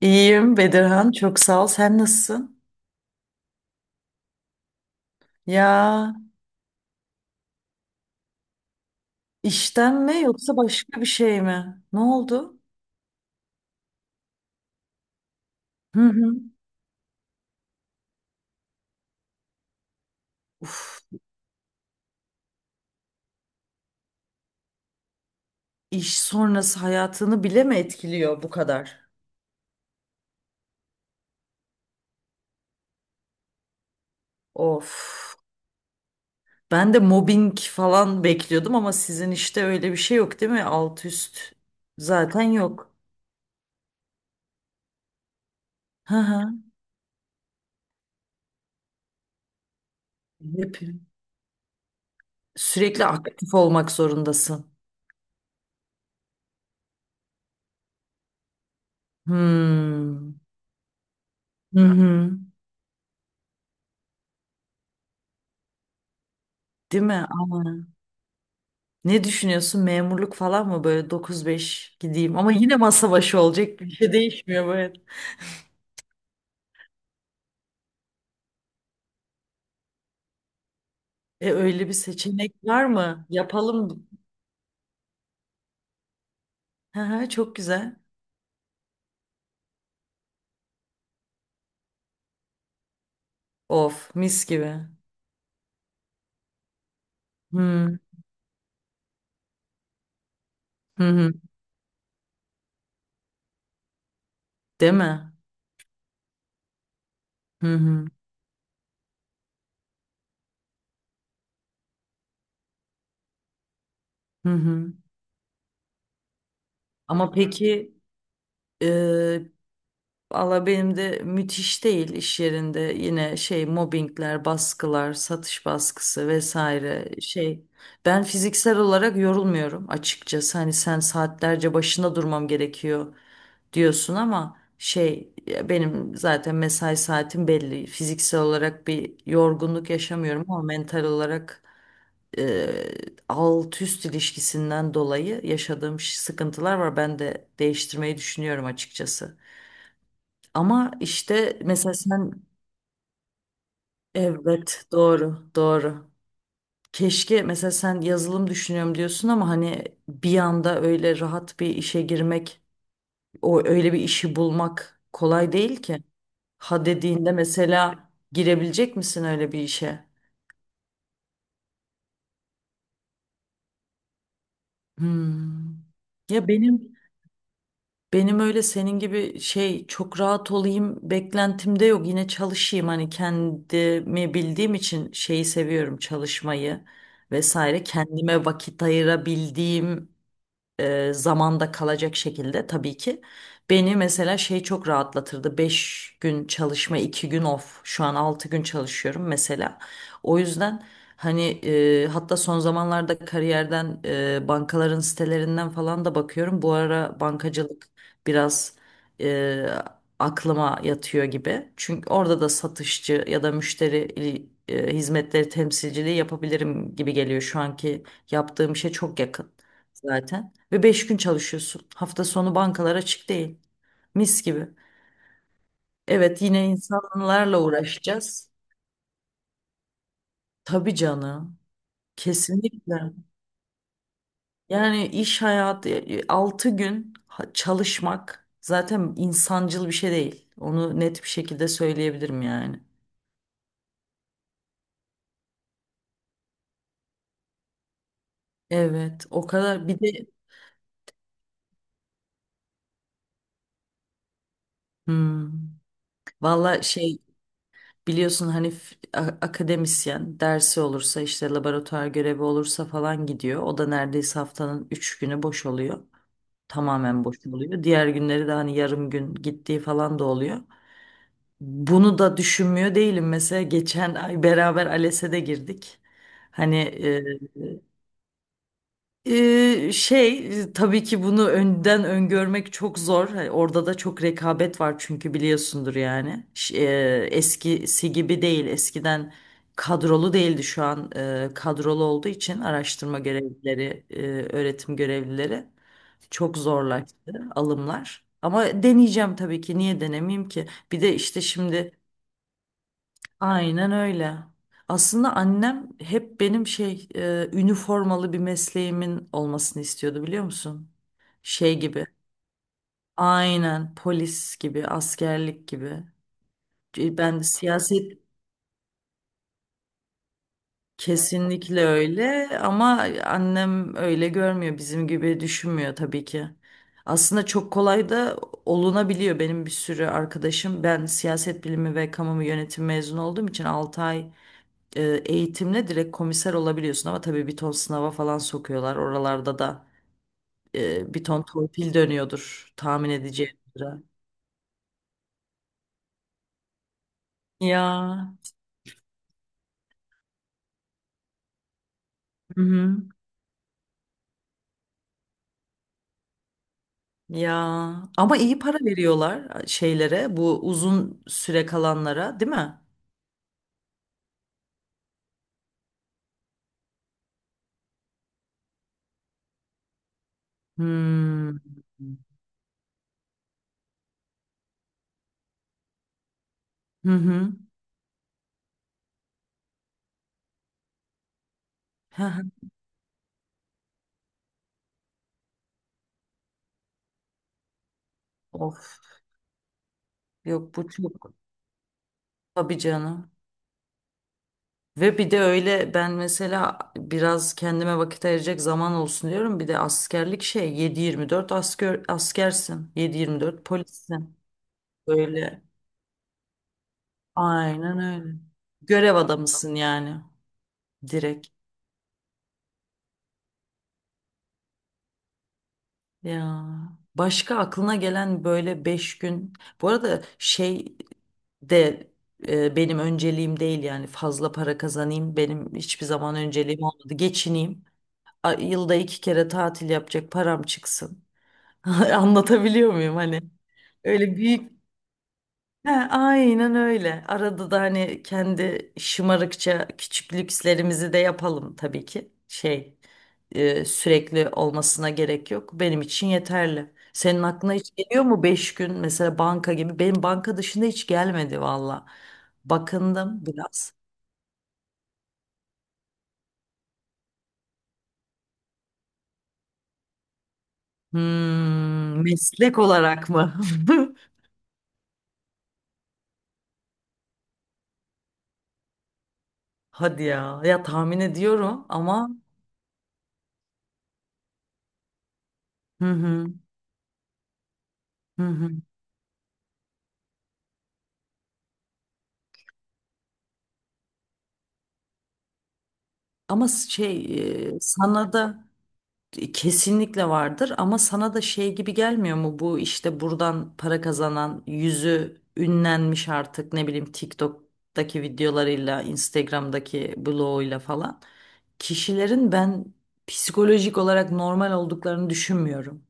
İyiyim Bedirhan, çok sağ ol. Sen nasılsın? Ya işten mi yoksa başka bir şey mi? Ne oldu? Hı hı. Uf, iş sonrası hayatını bile mi etkiliyor bu kadar? Of. Ben de mobbing falan bekliyordum ama sizin işte öyle bir şey yok değil mi? Alt üst zaten yok. Hı hı. Hep sürekli aktif olmak zorundasın. Hmm. Hı hı. Değil mi? Ama. Ne düşünüyorsun? Memurluk falan mı böyle 9-5 gideyim ama yine masa başı olacak bir şey değişmiyor böyle. E öyle bir seçenek var mı? Yapalım. Hı hı, çok güzel. Of, mis gibi. Hı hı. Hı. Değil mi? Hı hı. Hı hı. Ama peki, e, valla benim de müthiş değil iş yerinde yine şey mobbingler, baskılar, satış baskısı vesaire şey. Ben fiziksel olarak yorulmuyorum açıkçası. Hani sen saatlerce başında durmam gerekiyor diyorsun ama şey ya benim zaten mesai saatim belli. Fiziksel olarak bir yorgunluk yaşamıyorum ama mental olarak e, alt üst ilişkisinden dolayı yaşadığım sıkıntılar var. Ben de değiştirmeyi düşünüyorum açıkçası. Ama işte mesela sen evet doğru doğru. Keşke mesela sen yazılım düşünüyorum diyorsun ama hani bir anda öyle rahat bir işe girmek, o öyle bir işi bulmak kolay değil ki. Ha dediğinde mesela girebilecek misin öyle bir işe? Hmm. Ya benim Benim öyle senin gibi şey çok rahat olayım beklentimde yok. Yine çalışayım hani kendimi bildiğim için şeyi seviyorum çalışmayı vesaire. Kendime vakit ayırabildiğim zamanda kalacak şekilde tabii ki. Beni mesela şey çok rahatlatırdı. 5 gün çalışma, 2 gün off. Şu an 6 gün çalışıyorum mesela. O yüzden hani hatta son zamanlarda kariyerden bankaların sitelerinden falan da bakıyorum. Bu ara bankacılık biraz e, aklıma yatıyor gibi. Çünkü orada da satışçı ya da müşteri hizmetleri temsilciliği yapabilirim gibi geliyor. Şu anki yaptığım işe çok yakın zaten. Ve 5 gün çalışıyorsun. Hafta sonu bankalar açık değil. Mis gibi. Evet yine insanlarla uğraşacağız. Tabii canım. Kesinlikle. Yani iş hayatı 6 gün çalışmak zaten insancıl bir şey değil. Onu net bir şekilde söyleyebilirim yani. Evet, o kadar bir de hmm, valla şey biliyorsun hani akademisyen dersi olursa işte laboratuvar görevi olursa falan gidiyor. O da neredeyse haftanın 3 günü boş oluyor. Tamamen boş oluyor. Diğer günleri de hani yarım gün gittiği falan da oluyor. Bunu da düşünmüyor değilim. Mesela geçen ay beraber ALES'e de girdik. Hani şey tabii ki bunu önden öngörmek çok zor. Hani orada da çok rekabet var çünkü biliyorsundur yani. Eskisi gibi değil. Eskiden kadrolu değildi şu an kadrolu olduğu için araştırma görevlileri, öğretim görevlileri çok zorlaştı alımlar. Ama deneyeceğim tabii ki. Niye denemeyeyim ki? Bir de işte şimdi... Aynen öyle. Aslında annem hep benim şey üniformalı bir mesleğimin olmasını istiyordu biliyor musun? Şey gibi. Aynen polis gibi, askerlik gibi. E, Ben siyaset Kesinlikle öyle ama annem öyle görmüyor, bizim gibi düşünmüyor tabii ki. Aslında çok kolay da olunabiliyor. Benim bir sürü arkadaşım ben siyaset bilimi ve kamu yönetimi mezunu olduğum için 6 ay eğitimle direkt komiser olabiliyorsun ama tabii bir ton sınava falan sokuyorlar. Oralarda da bir ton torpil dönüyordur tahmin edeceğim üzere. Ya. Hı-hı. Ya ama iyi para veriyorlar şeylere bu uzun süre kalanlara değil mi? Hmm. Hı hı. Hı hı. Of. Yok bu çok. Tabii canım. Ve bir de öyle ben mesela biraz kendime vakit ayıracak zaman olsun diyorum. Bir de askerlik şey 7/24 asker, askersin. 7/24 polissin. Böyle aynen öyle. Görev adamısın yani direkt. Ya başka aklına gelen böyle 5 gün. Bu arada şey de benim önceliğim değil yani fazla para kazanayım. Benim hiçbir zaman önceliğim olmadı. Geçineyim. Yılda 2 kere tatil yapacak param çıksın. Anlatabiliyor muyum hani? Öyle büyük. He, aynen öyle. Arada da hani kendi şımarıkça küçük lükslerimizi de yapalım tabii ki. Şey sürekli olmasına gerek yok. Benim için yeterli. Senin aklına hiç geliyor mu 5 gün mesela banka gibi? Benim banka dışında hiç gelmedi valla. Bakındım biraz. Hmm, meslek olarak mı? Hadi ya. Ya tahmin ediyorum ama. Hı hı. Hı hı. Ama şey sana da kesinlikle vardır ama sana da şey gibi gelmiyor mu bu işte buradan para kazanan yüzü ünlenmiş artık ne bileyim TikTok'taki videolarıyla Instagram'daki bloğuyla falan kişilerin ben psikolojik olarak normal olduklarını düşünmüyorum.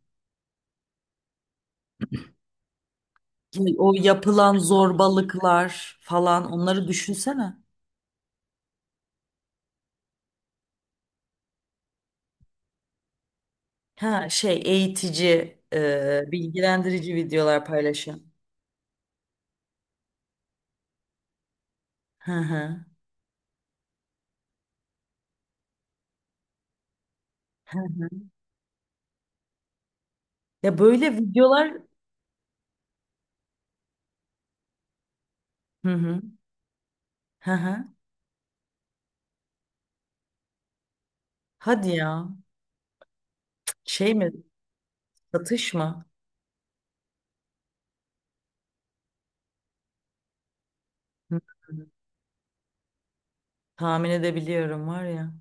Yani o yapılan zorbalıklar falan onları düşünsene. Ha şey eğitici, bilgilendirici videolar paylaşan. Hı hı. Ya böyle videolar hı hı. Hı hı. Hadi ya. Şey mi? Satış mı? Hı. Tahmin edebiliyorum var ya.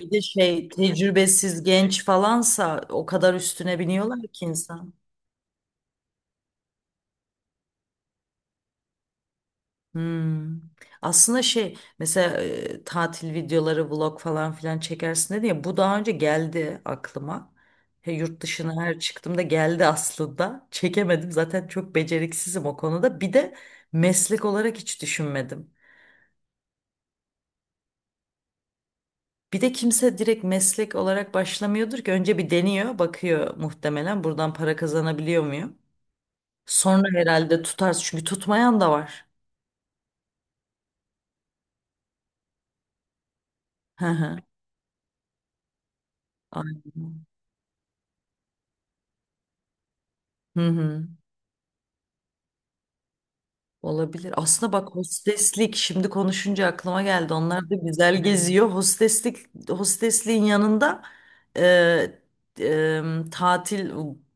Bir de şey tecrübesiz genç falansa o kadar üstüne biniyorlar ki insan. Hmm. Aslında şey mesela tatil videoları vlog falan filan çekersin dedi ya bu daha önce geldi aklıma. He, yurt dışına her çıktığımda geldi aslında. Çekemedim zaten çok beceriksizim o konuda. Bir de meslek olarak hiç düşünmedim. Bir de kimse direkt meslek olarak başlamıyordur ki önce bir deniyor, bakıyor muhtemelen buradan para kazanabiliyor muyum? Sonra herhalde tutarız çünkü tutmayan da var. Hı hı. Aynen. Hı hı. Olabilir. Aslında bak hosteslik şimdi konuşunca aklıma geldi. Onlar da güzel geziyor. Hosteslik hostesliğin yanında e, e, tatil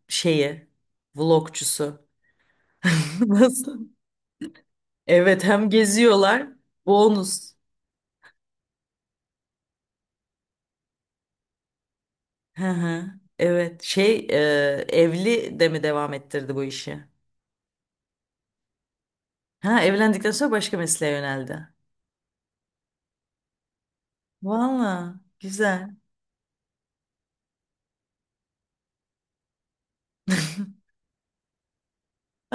şeyi vlogcusu. Nasıl? Evet hem geziyorlar bonus. Hı hı. Evet. Şey evli de mi devam ettirdi bu işi? Ha evlendikten sonra başka mesleğe yöneldi. Valla güzel.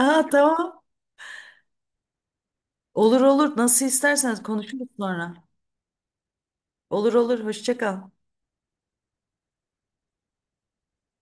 Aa tamam. Olur olur. Nasıl isterseniz konuşuruz sonra. Olur olur. Hoşça kal.